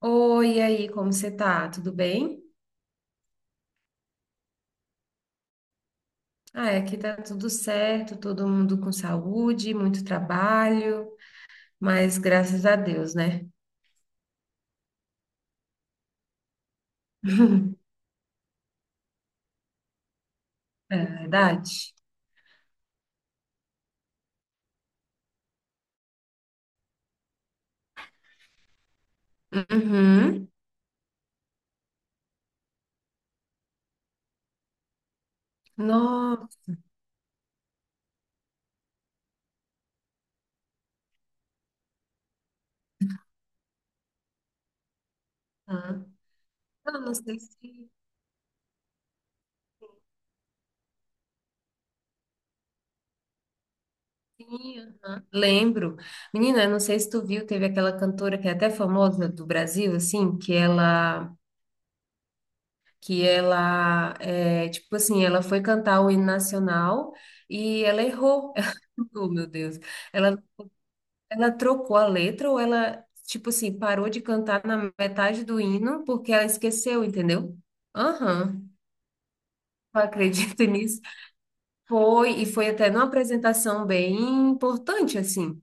Oi, e aí, como você tá? Tudo bem? Ah, é, aqui tá tudo certo, todo mundo com saúde, muito trabalho, mas graças a Deus, né? É verdade? Uhum. Nossa, eu não sei se sim, aham. Lembro. Menina, eu não sei se tu viu, teve aquela cantora que é até famosa do Brasil, assim, que ela, tipo assim, ela foi cantar o hino nacional e ela errou. Oh, meu Deus. Ela Ela trocou a letra ou ela, tipo assim, parou de cantar na metade do hino porque ela esqueceu, entendeu? Aham, eu acredito nisso. Foi, e foi até numa apresentação bem importante, assim.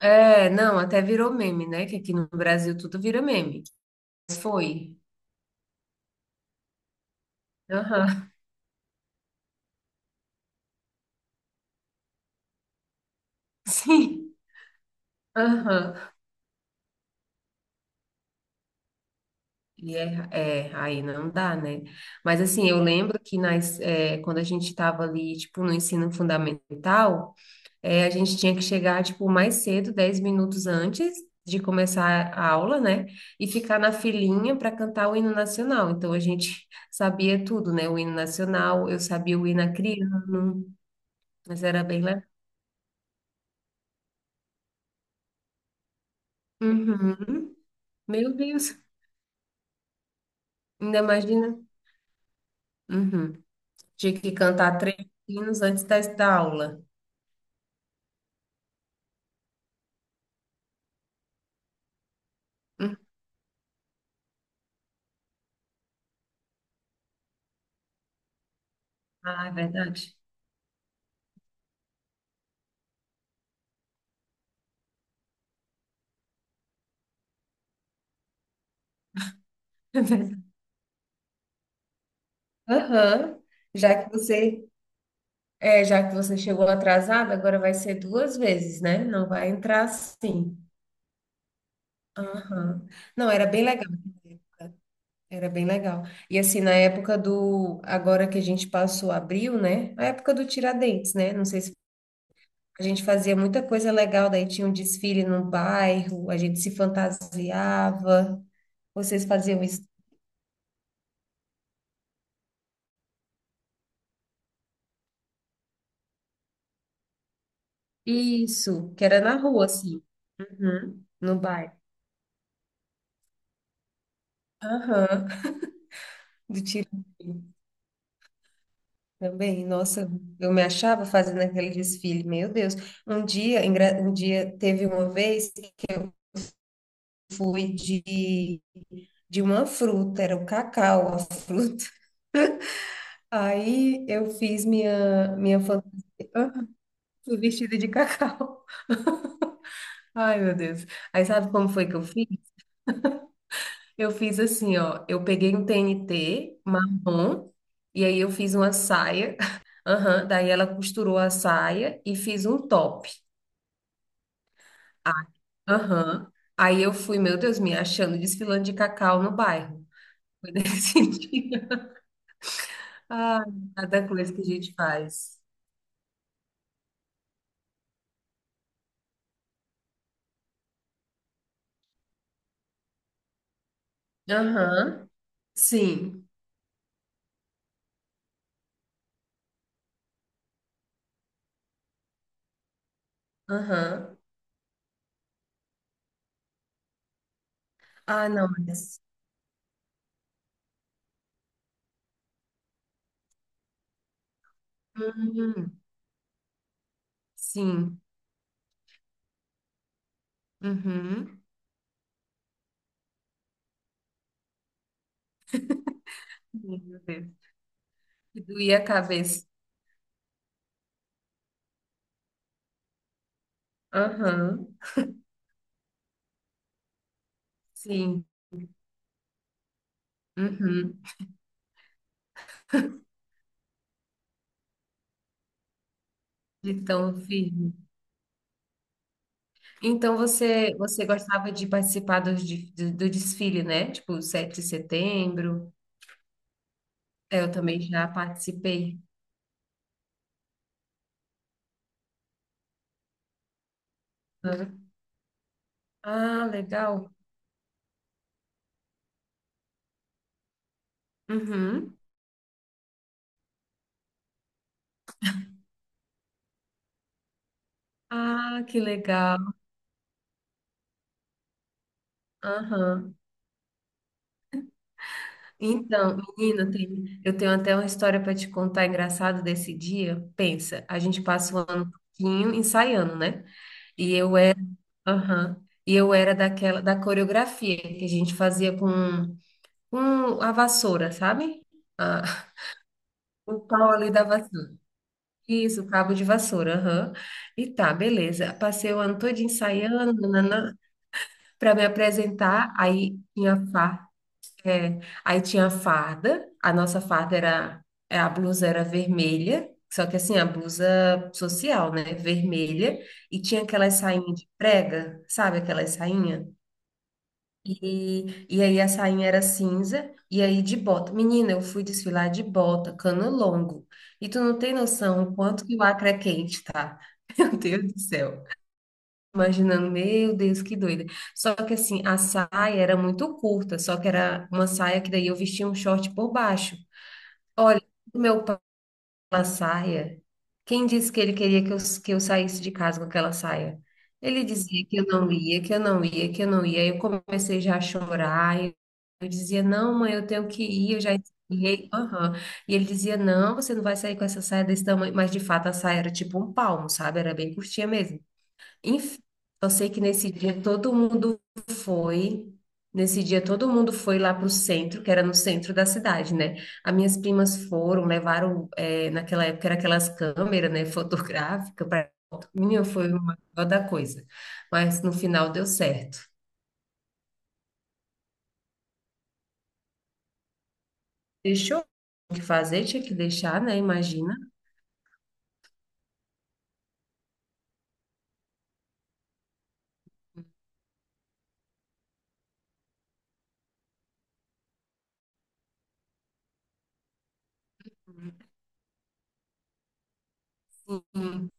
É, não, até virou meme, né? Que aqui no Brasil tudo vira meme. Mas foi. Aham, sim. Aham. E é, é, aí não dá, né? Mas assim, eu lembro que quando a gente estava ali, tipo, no ensino fundamental. É, a gente tinha que chegar, tipo, mais cedo, 10 minutos antes de começar a aula, né? E ficar na filinha para cantar o hino nacional. Então, a gente sabia tudo, né? O hino nacional, eu sabia o hino acriano, mas era bem lá. Uhum. Meu Deus, ainda imagina. Uhum. Tinha que cantar 3 hinos antes da aula. Uhum. Ah, é verdade. É verdade. Aham. Já que você é, já que você chegou atrasada, agora vai ser duas vezes, né? Não vai entrar assim. Aham. Não, era bem legal naquela época. Era bem legal. E assim, na época do. Agora que a gente passou abril, né? A época do Tiradentes, né? Não sei se a gente fazia muita coisa legal, daí tinha um desfile no bairro, a gente se fantasiava. Vocês faziam isso? Isso, que era na rua, assim. Uhum. No bairro. Aham. Do Tiradentes. Também, nossa, eu me achava fazendo aquele desfile, meu Deus. Um dia, um dia teve uma vez que eu fui de uma fruta, era o cacau, a fruta. Aí eu fiz minha fantasia, fui vestida de cacau. Ai, meu Deus. Aí sabe como foi que eu fiz? Eu fiz assim, ó, eu peguei um TNT marrom e aí eu fiz uma saia. Aham, daí ela costurou a saia e fiz um top. Aham. Aí eu fui, meu Deus, me achando desfilando de cacau no bairro. Foi nesse dia. Ah, cada coisa que a gente faz. Aham. Sim. Aham. Ah, não, mas. Uhum. Sim. Uhum. Meu Deus. Que doía a cabeça. Aham. Sim. Uhum. De tão firme. Então você, você gostava de participar do desfile, né? Tipo, 7 de setembro. É, eu também já participei. Ah, legal. Uhum. Ah, que legal. Aham. Então, menina, eu tenho até uma história para te contar engraçada desse dia. Pensa, a gente passa o ano todinho ensaiando, né? E eu era, aham. E eu era daquela da coreografia que a gente fazia com a vassoura, sabe? Ah, o pau ali da vassoura. Isso, o cabo de vassoura, aham. E tá, beleza. Passei o ano todo ensaiando, nananã, para me apresentar. Aí tinha farda, aí tinha a farda, a nossa farda era, é, a blusa era vermelha, só que assim, a blusa social, né, vermelha, e tinha aquelas sainhas de prega, sabe aquelas sainha? E aí a sainha era cinza, e aí de bota. Menina, eu fui desfilar de bota, cano longo. E tu não tem noção o quanto que o Acre é quente, tá? Meu Deus do céu. Imaginando, meu Deus, que doida. Só que assim, a saia era muito curta, só que era uma saia que daí eu vestia um short por baixo. Olha, meu pai com aquela saia. Quem disse que ele queria que eu saísse de casa com aquela saia? Ele dizia que eu não ia, que eu não ia, que eu não ia. Aí eu comecei já a chorar. Eu dizia, não, mãe, eu tenho que ir, eu já esfriei. Aham. E ele dizia, não, você não vai sair com essa saia desse tamanho. Mas de fato a saia era tipo um palmo, sabe? Era bem curtinha mesmo. Enfim, eu sei que nesse dia todo mundo foi. Nesse dia todo mundo foi lá para o centro, que era no centro da cidade, né? As minhas primas foram, levaram, naquela época era aquelas câmeras, né, fotográfica para foto. Menina, foi uma maior da coisa. Mas no final deu certo. Deixou o que fazer, tinha que deixar, né? Imagina. Sim.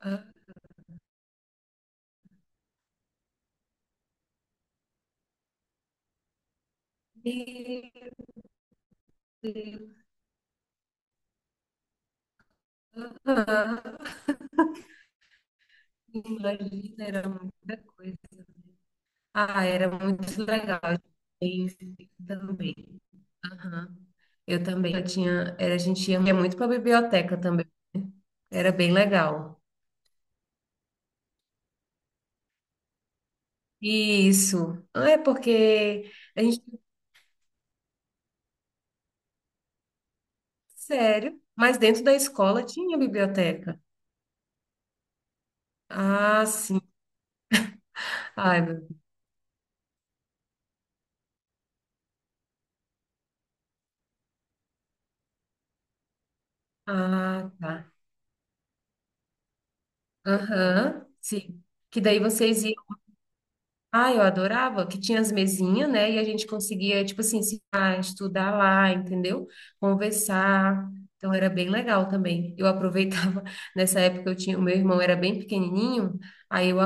Ah, meu Deus. Ah, imagina, era muita coisa. Ah, era muito legal. Isso também. Aham. Eu também. Eu tinha, era, a gente ia muito para a biblioteca também. Era bem legal. Isso. Ah, é porque a gente, sério, mas dentro da escola tinha biblioteca. Ah, sim. Ai, meu- Ah, tá. Aham, sim. Que daí vocês ah, eu adorava, que tinha as mesinhas, né? E a gente conseguia, tipo assim, se estudar lá, entendeu? Conversar. Então era bem legal também. Eu aproveitava, nessa época eu tinha, o meu irmão era bem pequenininho, aí eu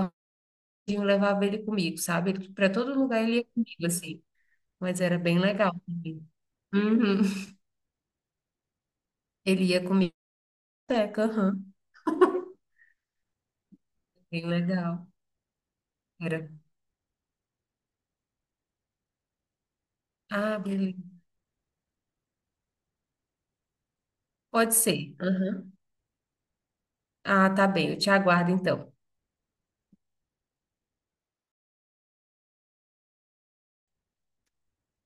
arranjinho levava ele comigo, sabe? Para todo lugar ele ia comigo, assim. Mas era bem legal também. Uhum. Ele ia comigo, teca, aham. Bem legal. Era. Ah, beleza. Pode ser. Aham. Ah, tá bem. Eu te aguardo então.